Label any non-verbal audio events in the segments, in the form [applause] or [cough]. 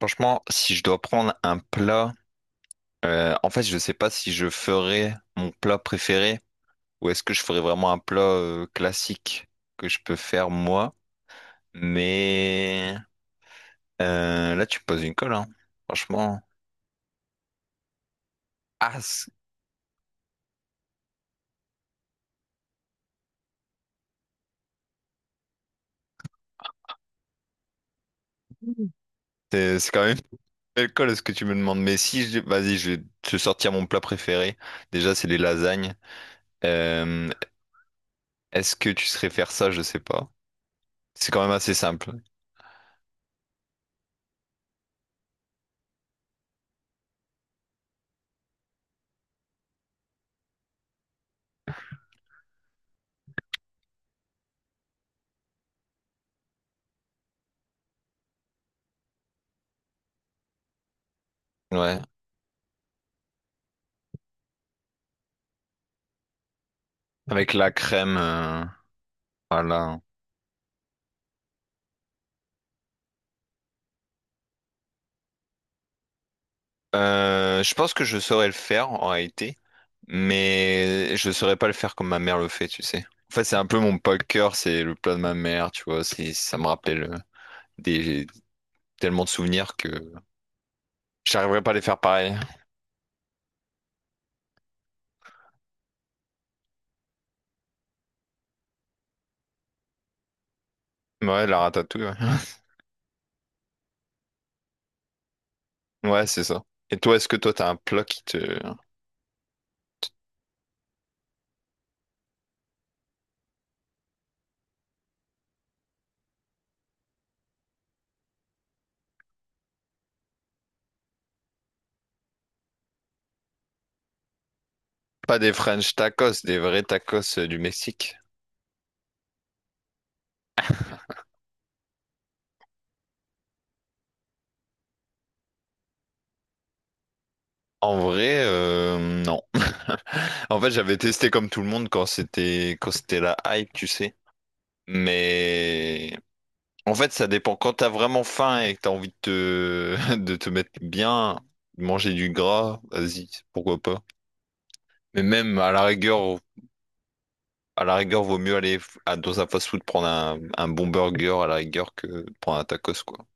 Franchement, si je dois prendre un plat, en fait, je ne sais pas si je ferais mon plat préféré ou est-ce que je ferais vraiment un plat classique que je peux faire moi. Mais là, tu me poses une colle, hein. Franchement. Ah, c- c'est quand même une belle colle ce que tu me demandes. Mais si, je... vas-y, je vais te sortir mon plat préféré. Déjà, c'est les lasagnes. Euh, Est-ce que tu serais faire ça? Je sais pas. C'est quand même assez simple. Ouais. Avec la crème, voilà. Je pense que je saurais le faire en réalité, mais je saurais pas le faire comme ma mère le fait, tu sais. En fait, c'est un peu mon poker, c'est le plat de ma mère, tu vois. Ça me rappelle des tellement de souvenirs que j'arriverais pas à les faire pareil. Ouais, la ratatouille. Ouais, [laughs] ouais, c'est ça. Et toi, est-ce que t'as un plat qui pas des French tacos, des vrais tacos du Mexique? En vrai, non. [laughs] En fait, j'avais testé comme tout le monde quand c'était la hype, tu sais. Mais en fait, ça dépend. Quand t'as vraiment faim et que t'as envie de te... [laughs] de te mettre bien, de manger du gras, vas-y, pourquoi pas. Mais même à la rigueur, vaut mieux aller dans un fast-food prendre un bon burger à la rigueur que de prendre un tacos, quoi.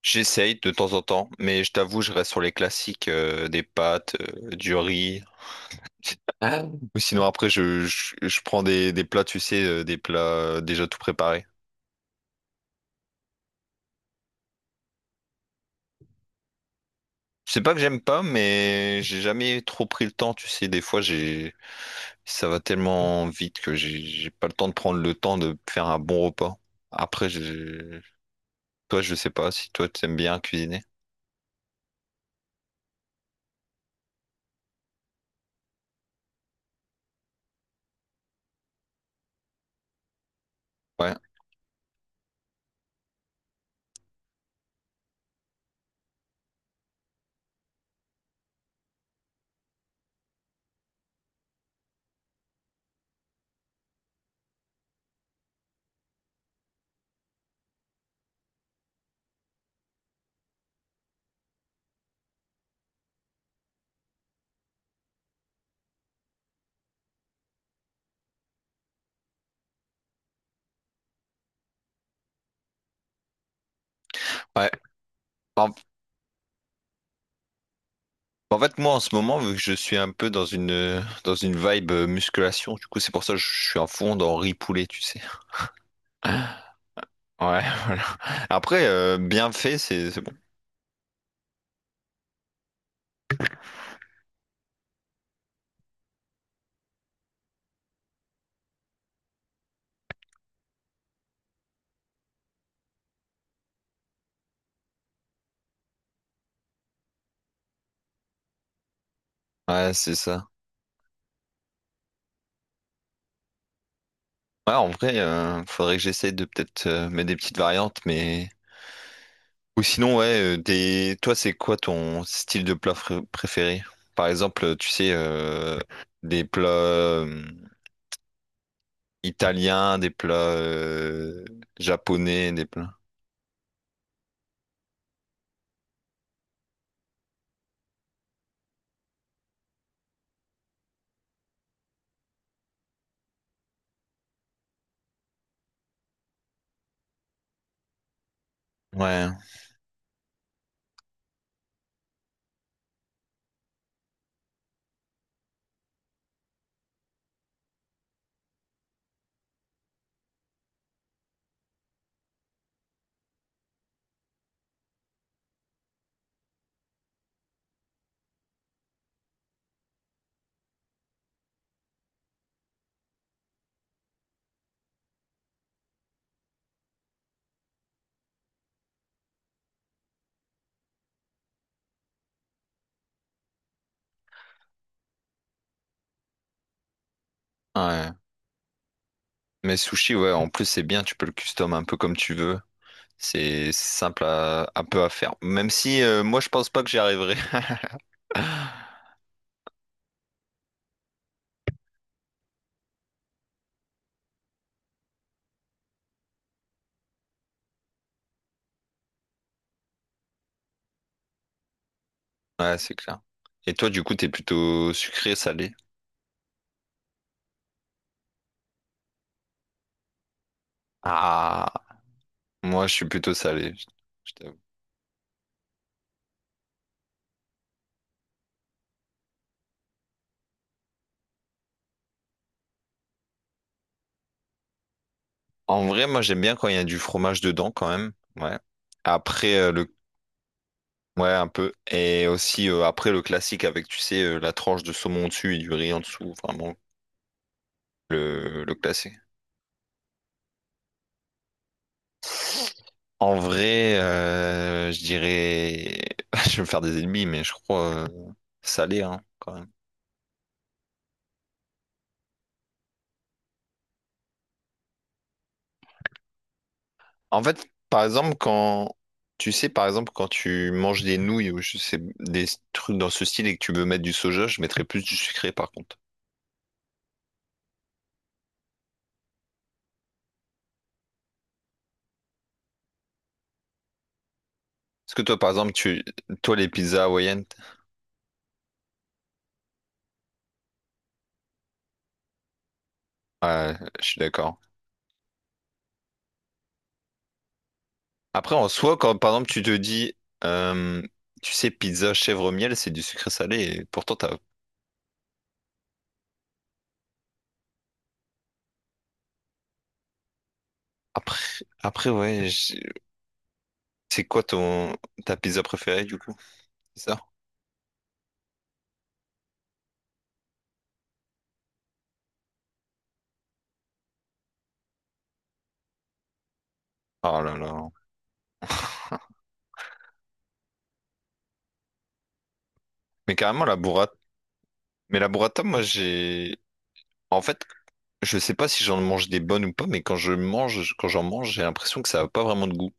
J'essaye de temps en temps, mais je t'avoue, je reste sur les classiques, des pâtes, du riz. Ah. Ou sinon, après, je prends des plats, tu sais, des plats déjà tout préparés. C'est pas que j'aime pas, mais j'ai jamais trop pris le temps, tu sais. Des fois, j'ai... ça va tellement vite que j'ai pas le temps de prendre le temps de faire un bon repas. Après, je... toi, je sais pas si toi, t'aimes bien cuisiner. Ouais. Ouais. En, en fait, moi, en ce moment, vu que je suis un peu dans dans une vibe musculation, du coup, c'est pour ça que je suis à fond dans riz poulet, tu sais. Ouais, [laughs] voilà. Après, bien fait, c'est bon. Ouais, c'est ça. Ouais, en vrai, faudrait que j'essaie de peut-être mettre des petites variantes, mais ou sinon, ouais, des... toi, c'est quoi ton style de plat préféré? Par exemple, tu sais, des plats italiens, des plats japonais, des plats. Ouais, ouais. Mais sushi, ouais, en plus, c'est bien, tu peux le custom un peu comme tu veux. C'est simple à... un peu à faire. Même si, moi, je pense pas que j'y arriverai. [laughs] Ouais, c'est clair. Et toi, du coup, t'es plutôt sucré, salé? Ah, moi, je suis plutôt salé, je t'avoue. En vrai, moi j'aime bien quand il y a du fromage dedans quand même. Ouais. Après le ouais un peu et aussi après le classique avec tu sais la tranche de saumon dessus et du riz en dessous, vraiment le classique. En vrai, je dirais [laughs] je vais me faire des ennemis mais je crois salé hein quand même. En fait, par exemple quand tu sais par exemple quand tu manges des nouilles ou je sais des trucs dans ce style et que tu veux mettre du soja, je mettrais plus du sucré par contre. Parce que toi, par exemple, toi, les pizzas hawaïennes, ouais, je suis d'accord. Après, en soi, quand, par exemple, tu te dis, euh, tu sais, pizza chèvre miel, c'est du sucré salé, et pourtant, après, ouais, c'est quoi ta pizza préférée, du coup? C'est ça? Oh là là. Mais carrément, mais la burrata, moi, en fait, je sais pas si j'en mange des bonnes ou pas, mais quand je mange, quand j'en mange, j'ai l'impression que ça a pas vraiment de goût.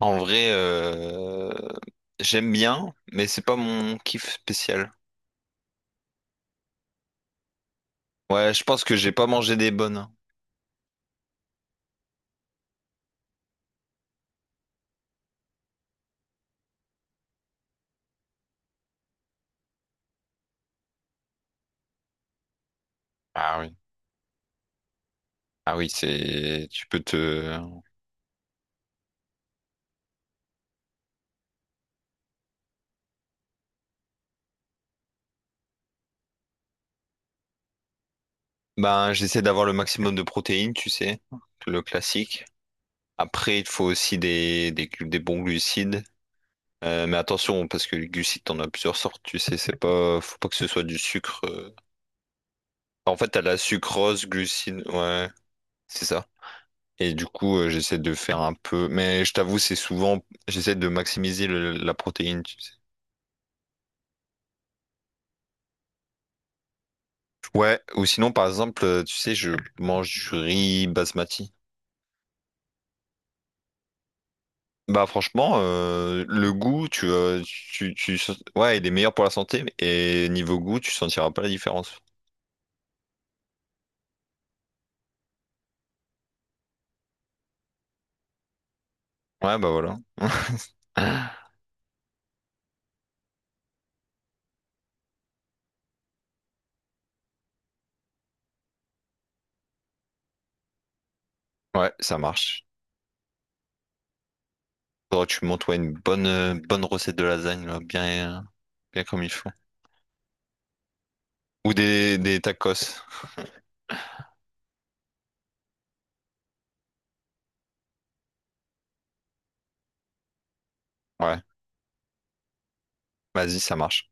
En vrai, j'aime bien, mais c'est pas mon kiff spécial. Ouais, je pense que j'ai pas mangé des bonnes. Ah oui. Ah oui, c'est. Tu peux te. Ben, j'essaie d'avoir le maximum de protéines, tu sais, le classique. Après, il te faut aussi des bons glucides. Mais attention, parce que les glucides, t'en as plusieurs sortes, tu sais, c'est pas, faut pas que ce soit du sucre. En fait, t'as la sucrose, glucide, ouais, c'est ça. Et du coup, j'essaie de faire un peu, mais je t'avoue, c'est souvent, j'essaie de maximiser la protéine. Ouais, ou sinon, par exemple, tu sais, je mange du riz basmati. Bah franchement, le goût, tu, ouais, il est meilleur pour la santé, et niveau goût, tu sentiras pas la différence. Ouais, bah voilà. [laughs] Ouais, ça marche. Faudrait que tu montes ouais, bonne recette de lasagne, là, bien comme il faut. Ou des tacos. Ouais, vas-y, ça marche.